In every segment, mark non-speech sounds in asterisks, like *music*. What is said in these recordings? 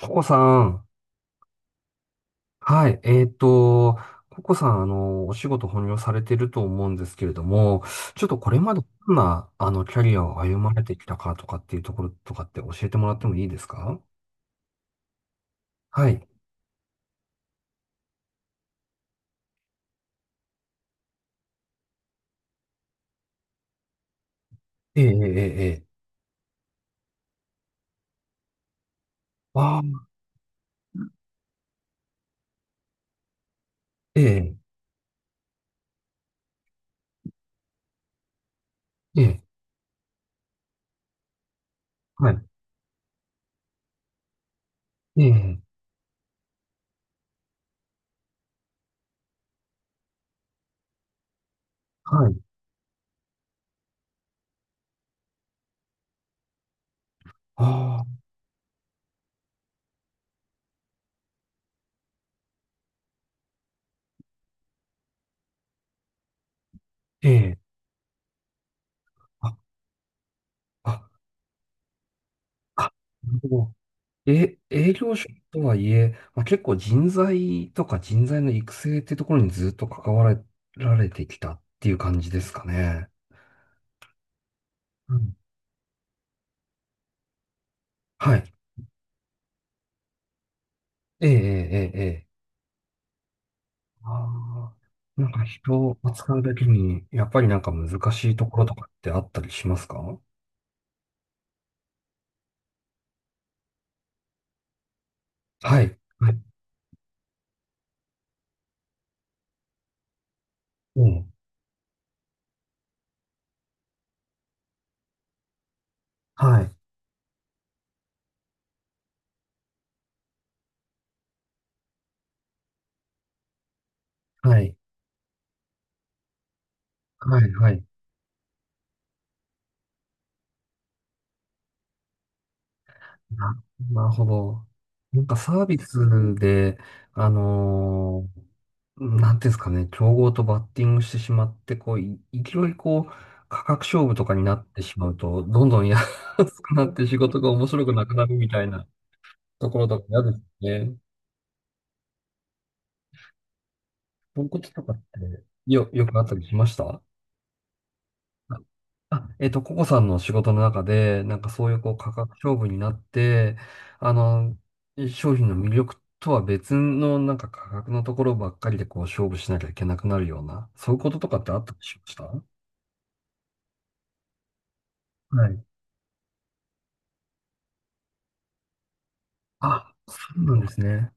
ココさん。はい。ココさん、お仕事本業されてると思うんですけれども、ちょっとこれまでどんな、キャリアを歩まれてきたかとかっていうところとかって教えてもらってもいいですか？はい。ええ、ええ、ええ。ああ、ええ、ええ、はい。ええ、はい。ああ、ええ、あ、あ、あ、え、営業職とはいえ、まあ、結構人材とか人材の育成ってところにずっと関わられてきたっていう感じですかね？うん。はい。ええ、ええ、ええ。ええ、ああ、なんか人を扱うだけに、やっぱりなんか難しいところとかってあったりしますか？はい。はい。うん。はい。はい。はい。はい。な、なるほど。なんかサービスで、あのーなんていうんですかね、競合とバッティングしてしまって、こう、い勢いこう、価格勝負とかになってしまうと、どんどん *laughs* 安くなって仕事が面白くなくなるみたいなところとか嫌ですね。ポンこととかってよくあったりしました？あ、あ、ココさんの仕事の中で、なんかそういうこう価格勝負になって、あの、商品の魅力とは別のなんか価格のところばっかりでこう勝負しなきゃいけなくなるような、そういうこととかってあったりしましたは、い、あ、そうなんですね。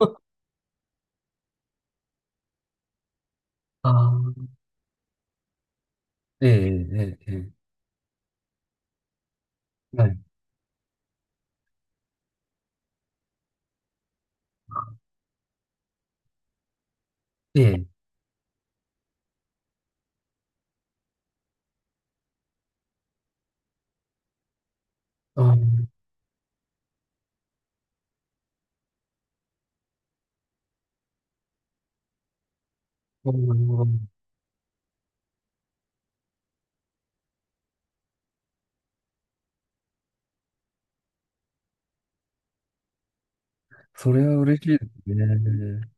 *laughs* ああ、ええ、ええ、ええ、はい。ええ、ああ、う、それは嬉しいですね。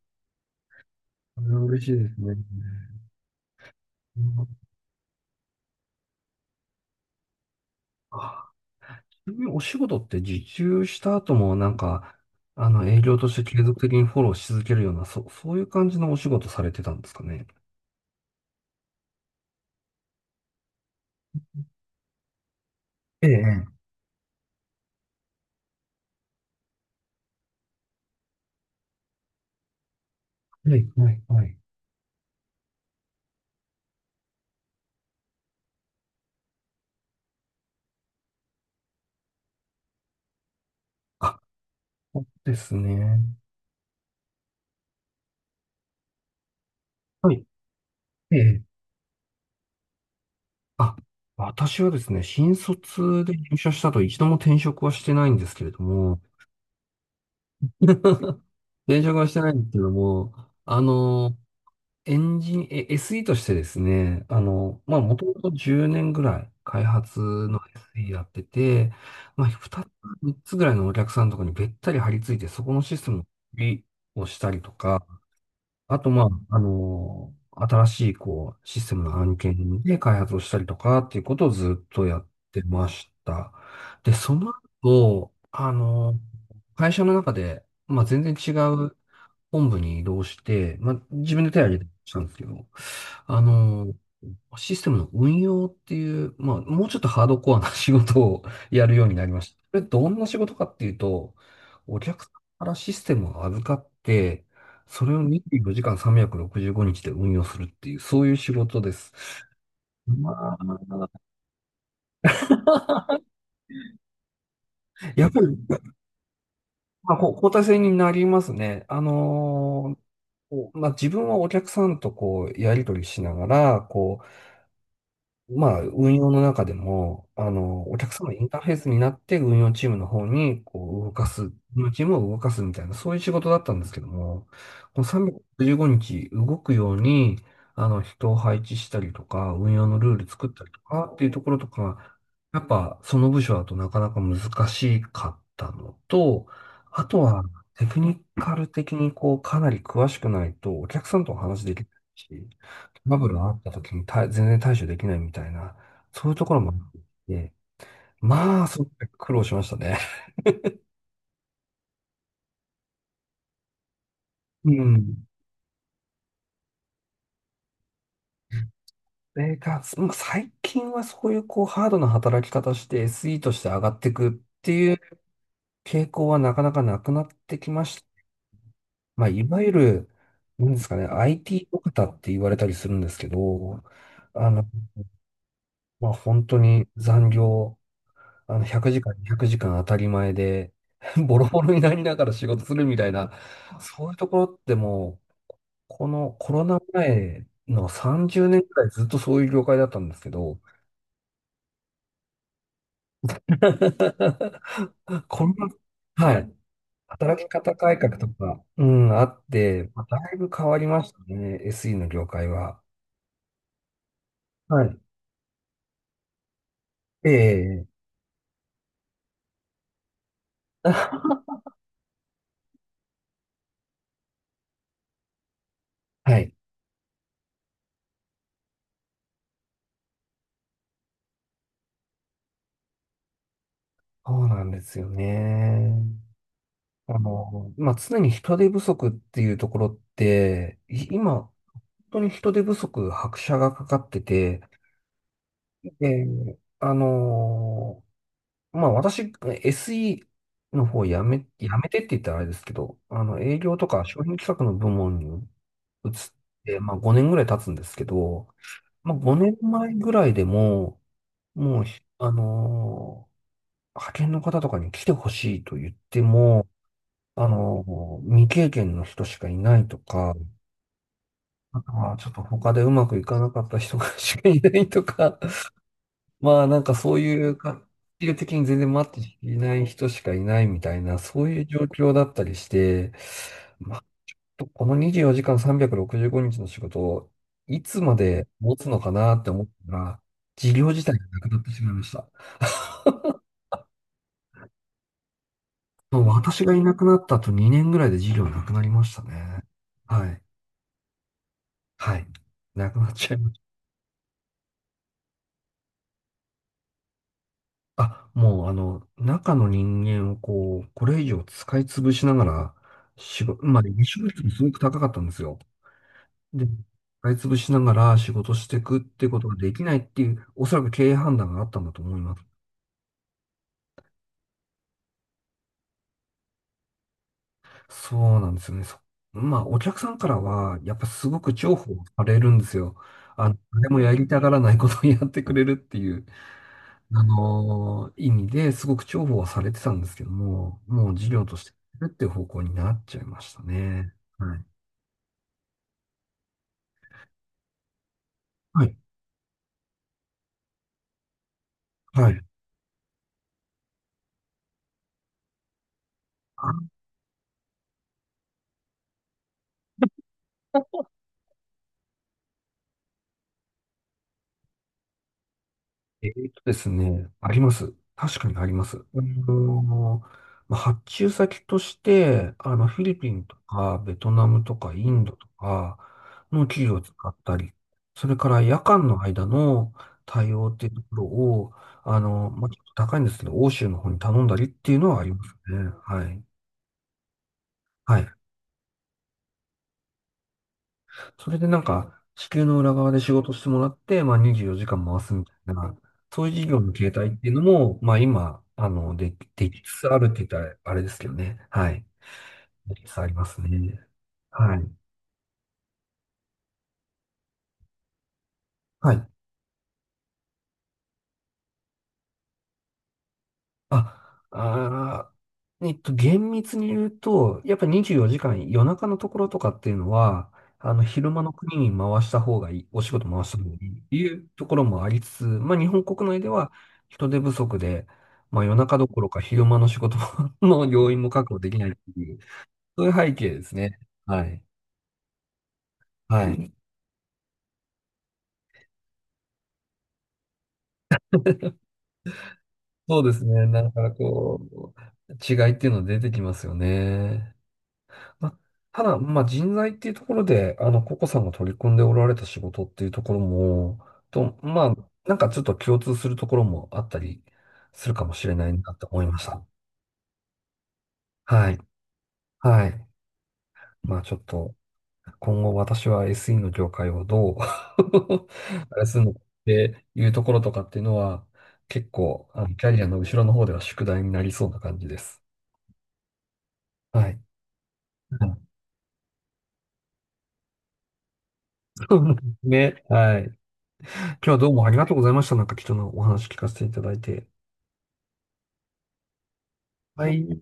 それは嬉しいですね。*laughs* うん、あ、ちなみにお仕事って受注した後もなんか、営業として継続的にフォローし続けるような、そういう感じのお仕事されてたんですかね？ええ、ええ、はい、はい、はい。あ、ですね。はい。ええ、あ、私はですね、新卒で入社したと一度も転職はしてないんですけれども、*laughs* 転職はしてないんですけども、あの、エンジン、え、SE としてですね、まあ、もともと10年ぐらい開発の SE やってて、まあ、2つ、3つぐらいのお客さんのところにべったり張り付いて、そこのシステムの管理をしたりとか、あと、まあ、新しい、こう、システムの案件で開発をしたりとかっていうことをずっとやってました。で、その後、会社の中で、まあ、全然違う本部に移動して、まあ、自分で手を挙げてしたんですけど、あの、システムの運用っていう、まあ、もうちょっとハードコアな仕事をやるようになりました。これどんな仕事かっていうと、お客さんからシステムを預かって、それを24時間365日で運用するっていう、そういう仕事です。まあ、*laughs* やっぱり、まあ、こう交代制になりますね。こう、まあ、自分はお客さんとこう、やり取りしながら、こ、まあ、運用の中でも、お客様のインターフェースになって運用チームの方に、こう、動かす、運用チームを動かすみたいな、そういう仕事だったんですけども、この365日動くように、人を配置したりとか、運用のルール作ったりとかっていうところとか、やっぱ、その部署だとなかなか難しかったのと、あとは、テクニカル的に、こう、かなり詳しくないと、お客さんとお話できないし、バブルがあった時に対全然対処できないみたいな、そういうところもあって、まあ、すごく苦労しましたね。うん。それが、まあ最近はそういうこうハードな働き方して SE として上がっていくっていう傾向はなかなかなくなってきました。まあ、いわゆる、なんですかね、IT ド方って言われたりするんですけど、あの、まあ、本当に残業、100時間、200時間当たり前で、*laughs* ボロボロになりながら仕事するみたいな、そういうところってもう、このコロナ前の30年くらいずっとそういう業界だったんですけど、*laughs* こんな、はい、働き方改革とか、うん、あって、まあだいぶ変わりましたね、SE の業界は。はい。ええ、*laughs* はい。そうなんですよね。まあ、常に人手不足っていうところって、い今、本当に人手不足、拍車がかかってて、で、あの、まあ、私、SE の方やめてって言ったらあれですけど、営業とか商品企画の部門に移って、まあ、5年ぐらい経つんですけど、まあ、5年前ぐらいでも、もうひ、派遣の方とかに来てほしいと言っても、未経験の人しかいないとか、あとはちょっと他でうまくいかなかった人が *laughs* しかいないとか、まあなんかそういうか、じ的に全然待っていない人しかいないみたいな、そういう状況だったりして、まあ、この24時間365日の仕事をいつまで持つのかなって思ったら、事業自体がなくなってしまいました。*laughs* もう私がいなくなった後2年ぐらいで事業なくなりましたね。はい。はい。なくなっちゃいました。あ、もう中の人間をこう、これ以上使い潰しながら、仕事、まあ、離職率もすごく高かったんですよ。で、使い潰しながら仕事していくってことができないっていう、おそらく経営判断があったんだと思います。そうなんですよね。そ、まあ、お客さんからは、やっぱすごく重宝されるんですよ。誰もやりたがらないことをやってくれるっていう。意味ですごく重宝はされてたんですけども、もう事業としてやるっていう方向になっちゃいましたね。はい。はい。はい。あ、えーとですね、あります。確かにあります。まあ発注先として、フィリピンとか、ベトナムとか、インドとかの企業を使ったり、それから夜間の間の対応っていうところを、まあ、ちょっと高いんですけど、欧州の方に頼んだりっていうのはありますね。はい。はい。それでなんか、地球の裏側で仕事してもらって、まあ24時間回すみたいな、そういう事業の形態っていうのも、まあ今、で、できつつあるって言ったらあれですけどね。はい。できつつありますね。はい。はい。あ、あー、厳密に言うと、やっぱ24時間夜中のところとかっていうのは、昼間の国に回した方がいい、お仕事回した方がいいっていうところもありつつ、まあ日本国内では人手不足で、まあ夜中どころか昼間の仕事も *laughs* の要員も確保できないっていう、そういう背景ですね。はい。はい。そうですね。なんかこう、違いっていうの出てきますよね。ま、ただ、まあ、人材っていうところで、ココさんが取り組んでおられた仕事っていうところも、と、まあ、なんかちょっと共通するところもあったりするかもしれないなと思いました。はい。はい。まあ、ちょっと、今後私は SE の業界をどう *laughs* あれするのかっていうところとかっていうのは、結構、キャリアの後ろの方では宿題になりそうな感じです。はい。うん。 *laughs* ね。はい。今日はどうもありがとうございました。なんか貴重なお話聞かせていただいて。はい。